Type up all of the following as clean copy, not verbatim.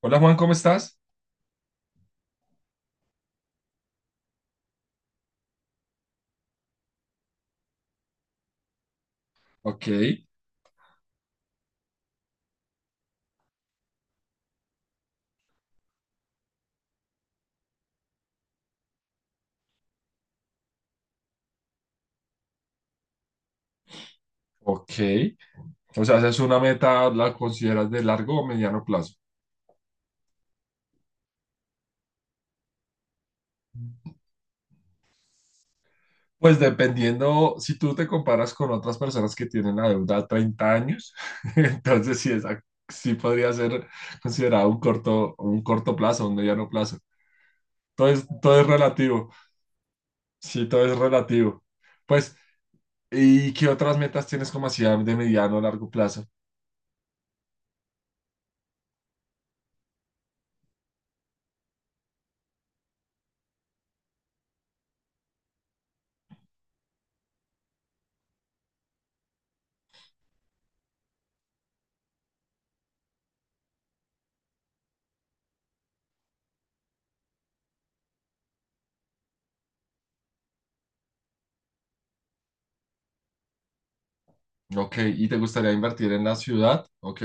Hola Juan, ¿cómo estás? Ok, ok. O sea, ¿esa es una meta, la consideras de largo o mediano plazo? Pues dependiendo, si tú te comparas con otras personas que tienen la deuda a 30 años, entonces sí, esa, sí podría ser considerado un corto plazo, un mediano plazo. Todo es relativo, sí, todo es relativo. Pues, ¿y qué otras metas tienes como así de mediano o largo plazo? Ok, ¿y te gustaría invertir en la ciudad? Ok,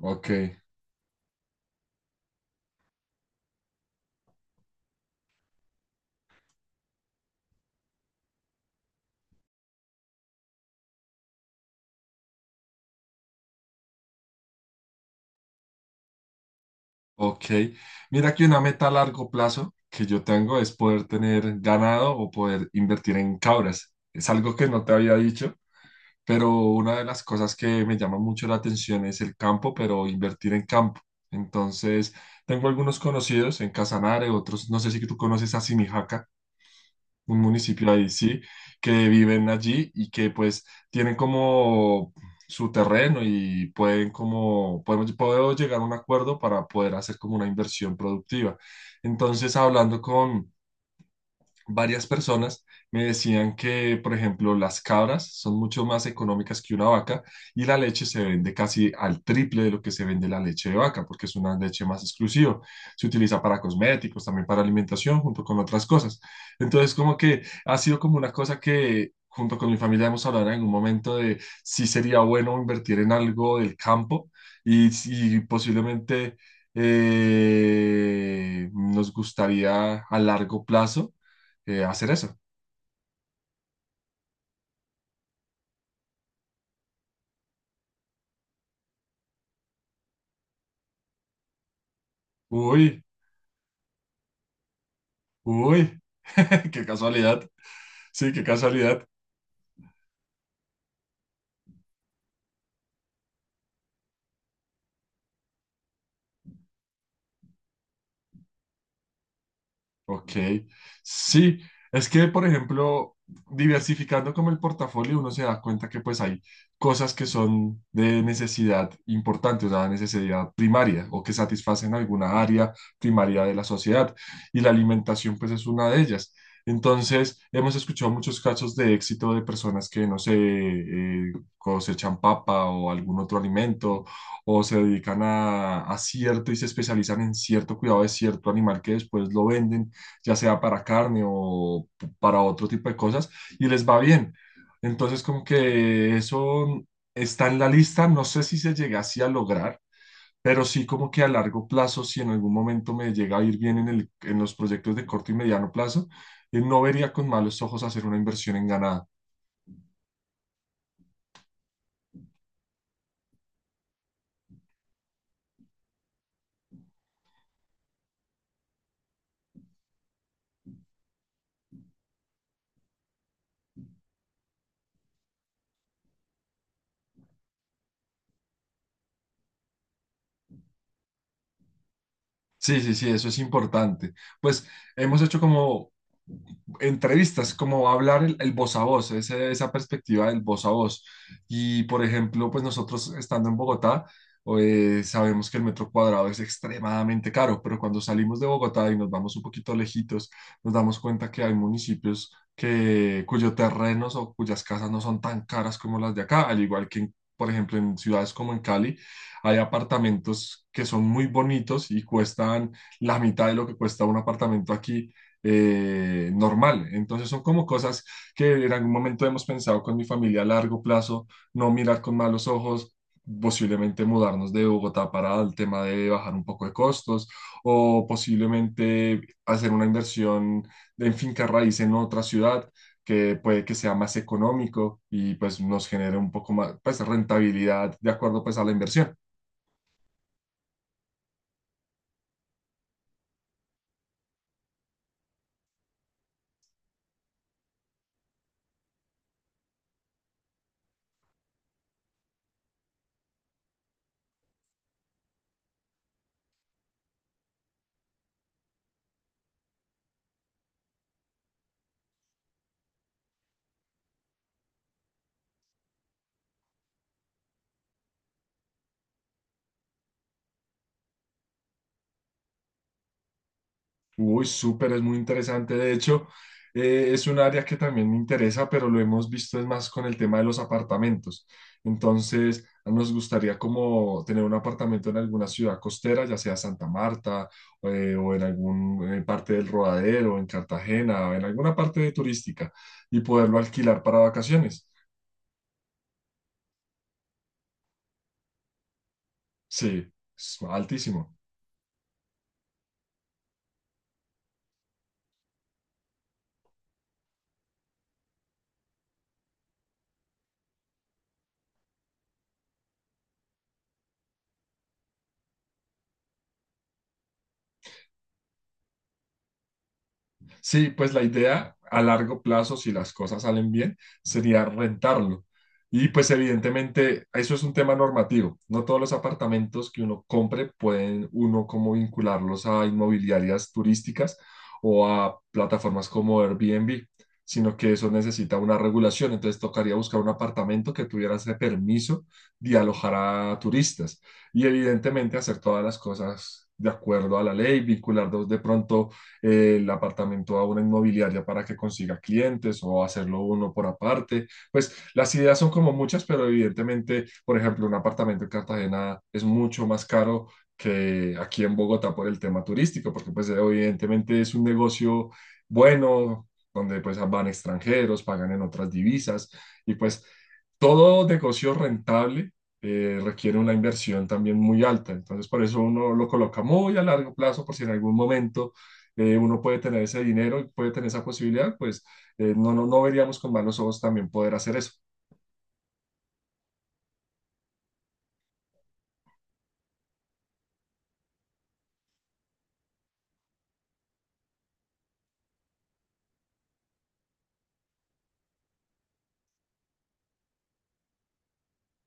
ok. Ok, mira que una meta a largo plazo que yo tengo es poder tener ganado o poder invertir en cabras. Es algo que no te había dicho, pero una de las cosas que me llama mucho la atención es el campo, pero invertir en campo. Entonces, tengo algunos conocidos en Casanare, otros, no sé si tú conoces a Simijaca, un municipio ahí, sí, que viven allí y que pues tienen como su terreno y pueden como, puedo llegar a un acuerdo para poder hacer como una inversión productiva. Entonces, hablando con, varias personas me decían que, por ejemplo, las cabras son mucho más económicas que una vaca y la leche se vende casi al triple de lo que se vende la leche de vaca, porque es una leche más exclusiva. Se utiliza para cosméticos, también para alimentación, junto con otras cosas. Entonces, como que ha sido como una cosa. Junto con mi familia hemos hablado en algún momento de si sería bueno invertir en algo del campo y si posiblemente nos gustaría a largo plazo hacer eso. Uy, uy, qué casualidad. Sí, qué casualidad. Ok, sí, es que por ejemplo, diversificando como el portafolio, uno se da cuenta que pues hay cosas que son de necesidad importante, o sea, necesidad primaria o que satisfacen alguna área primaria de la sociedad y la alimentación pues es una de ellas. Entonces, hemos escuchado muchos casos de éxito de personas que, no sé, cosechan papa o algún otro alimento o se dedican a cierto y se especializan en cierto cuidado de cierto animal que después lo venden ya sea para carne o para otro tipo de cosas, y les va bien. Entonces, como que eso está en la lista, no sé si se llegase a lograr, pero sí como que a largo plazo, si en algún momento me llega a ir bien en en los proyectos de corto y mediano plazo, no vería con malos ojos hacer una inversión en ganado. Sí, sí, sí, eso es importante. Pues hemos hecho como entrevistas, como hablar el voz a voz, esa perspectiva del voz a voz. Y por ejemplo, pues nosotros estando en Bogotá, sabemos que el metro cuadrado es extremadamente caro, pero cuando salimos de Bogotá y nos vamos un poquito lejitos, nos damos cuenta que hay municipios que, cuyos terrenos o cuyas casas no son tan caras como las de acá, al igual que, por ejemplo, en ciudades como en Cali hay apartamentos que son muy bonitos y cuestan la mitad de lo que cuesta un apartamento aquí normal. Entonces son como cosas que en algún momento hemos pensado con mi familia a largo plazo, no mirar con malos ojos, posiblemente mudarnos de Bogotá para el tema de bajar un poco de costos o posiblemente hacer una inversión en finca raíz en otra ciudad que puede que sea más económico y pues nos genere un poco más pues rentabilidad de acuerdo pues a la inversión. Uy, súper, es muy interesante. De hecho, es un área que también me interesa, pero lo hemos visto es más con el tema de los apartamentos. Entonces, nos gustaría como tener un apartamento en alguna ciudad costera, ya sea Santa Marta, o en alguna parte del Rodadero, en Cartagena, o en alguna parte turística, y poderlo alquilar para vacaciones. Sí, es altísimo. Sí, pues la idea a largo plazo, si las cosas salen bien, sería rentarlo. Y pues evidentemente eso es un tema normativo. No todos los apartamentos que uno compre pueden uno como vincularlos a inmobiliarias turísticas o a plataformas como Airbnb, sino que eso necesita una regulación. Entonces tocaría buscar un apartamento que tuviera ese permiso de alojar a turistas y evidentemente hacer todas las cosas de acuerdo a la ley, vincular de pronto el apartamento a una inmobiliaria para que consiga clientes o hacerlo uno por aparte. Pues las ideas son como muchas, pero evidentemente, por ejemplo, un apartamento en Cartagena es mucho más caro que aquí en Bogotá por el tema turístico, porque pues evidentemente es un negocio bueno, donde pues van extranjeros, pagan en otras divisas y pues todo negocio rentable requiere una inversión también muy alta. Entonces, por eso uno lo coloca muy a largo plazo, por si en algún momento uno puede tener ese dinero y puede tener esa posibilidad, pues no, no, no veríamos con malos ojos también poder hacer eso.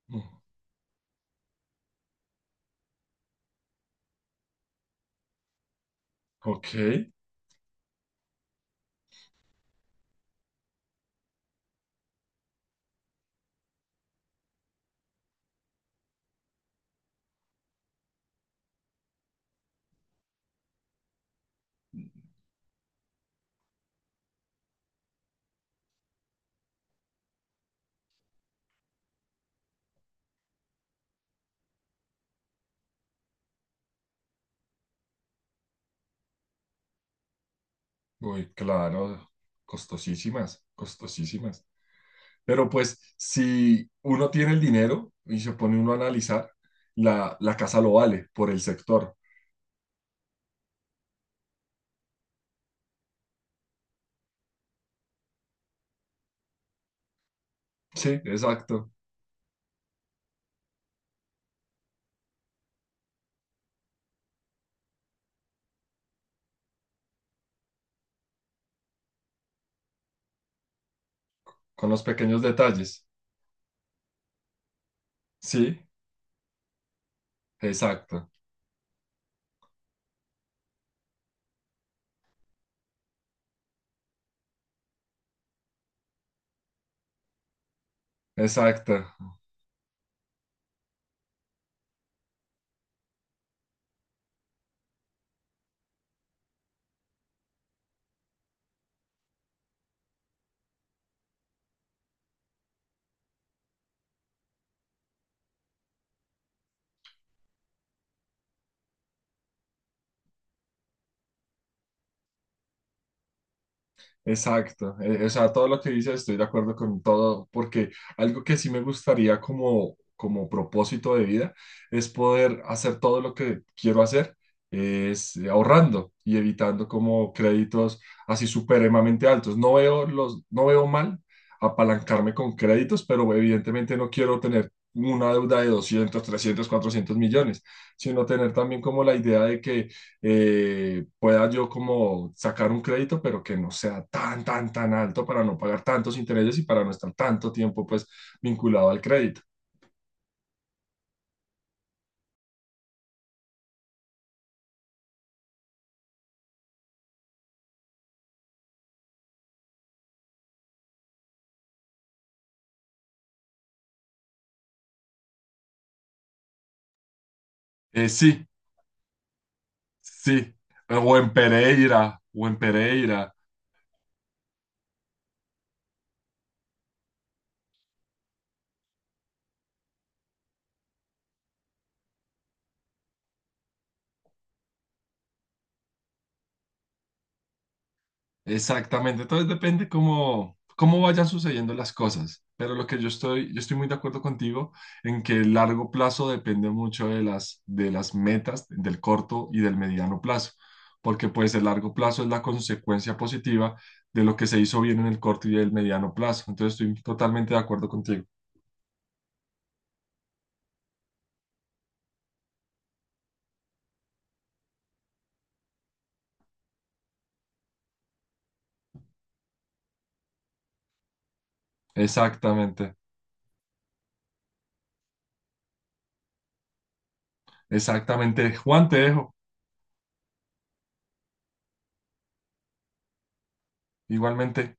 Mm. Ok. Uy, claro, costosísimas, costosísimas. Pero pues si uno tiene el dinero y se pone uno a analizar, la casa lo vale por el sector. Sí, exacto, con los pequeños detalles. Sí, exacto, exacto. Exacto, o sea, todo lo que dices estoy de acuerdo con todo, porque algo que sí me gustaría como, como propósito de vida es poder hacer todo lo que quiero hacer, es ahorrando y evitando como créditos así supremamente altos. No veo mal apalancarme con créditos, pero evidentemente no quiero tener una deuda de 200, 300, 400 millones, sino tener también como la idea de que pueda yo como sacar un crédito, pero que no sea tan, tan, tan alto para no pagar tantos intereses y para no estar tanto tiempo pues vinculado al crédito. Sí, sí, o en Pereira, o en Pereira. Exactamente, entonces depende cómo vayan sucediendo las cosas, pero lo que yo estoy muy de acuerdo contigo en que el largo plazo depende mucho de de las metas, del corto y del mediano plazo, porque pues el largo plazo es la consecuencia positiva de lo que se hizo bien en el corto y el mediano plazo, entonces estoy totalmente de acuerdo contigo. Exactamente, exactamente. Juan, te dejo, igualmente.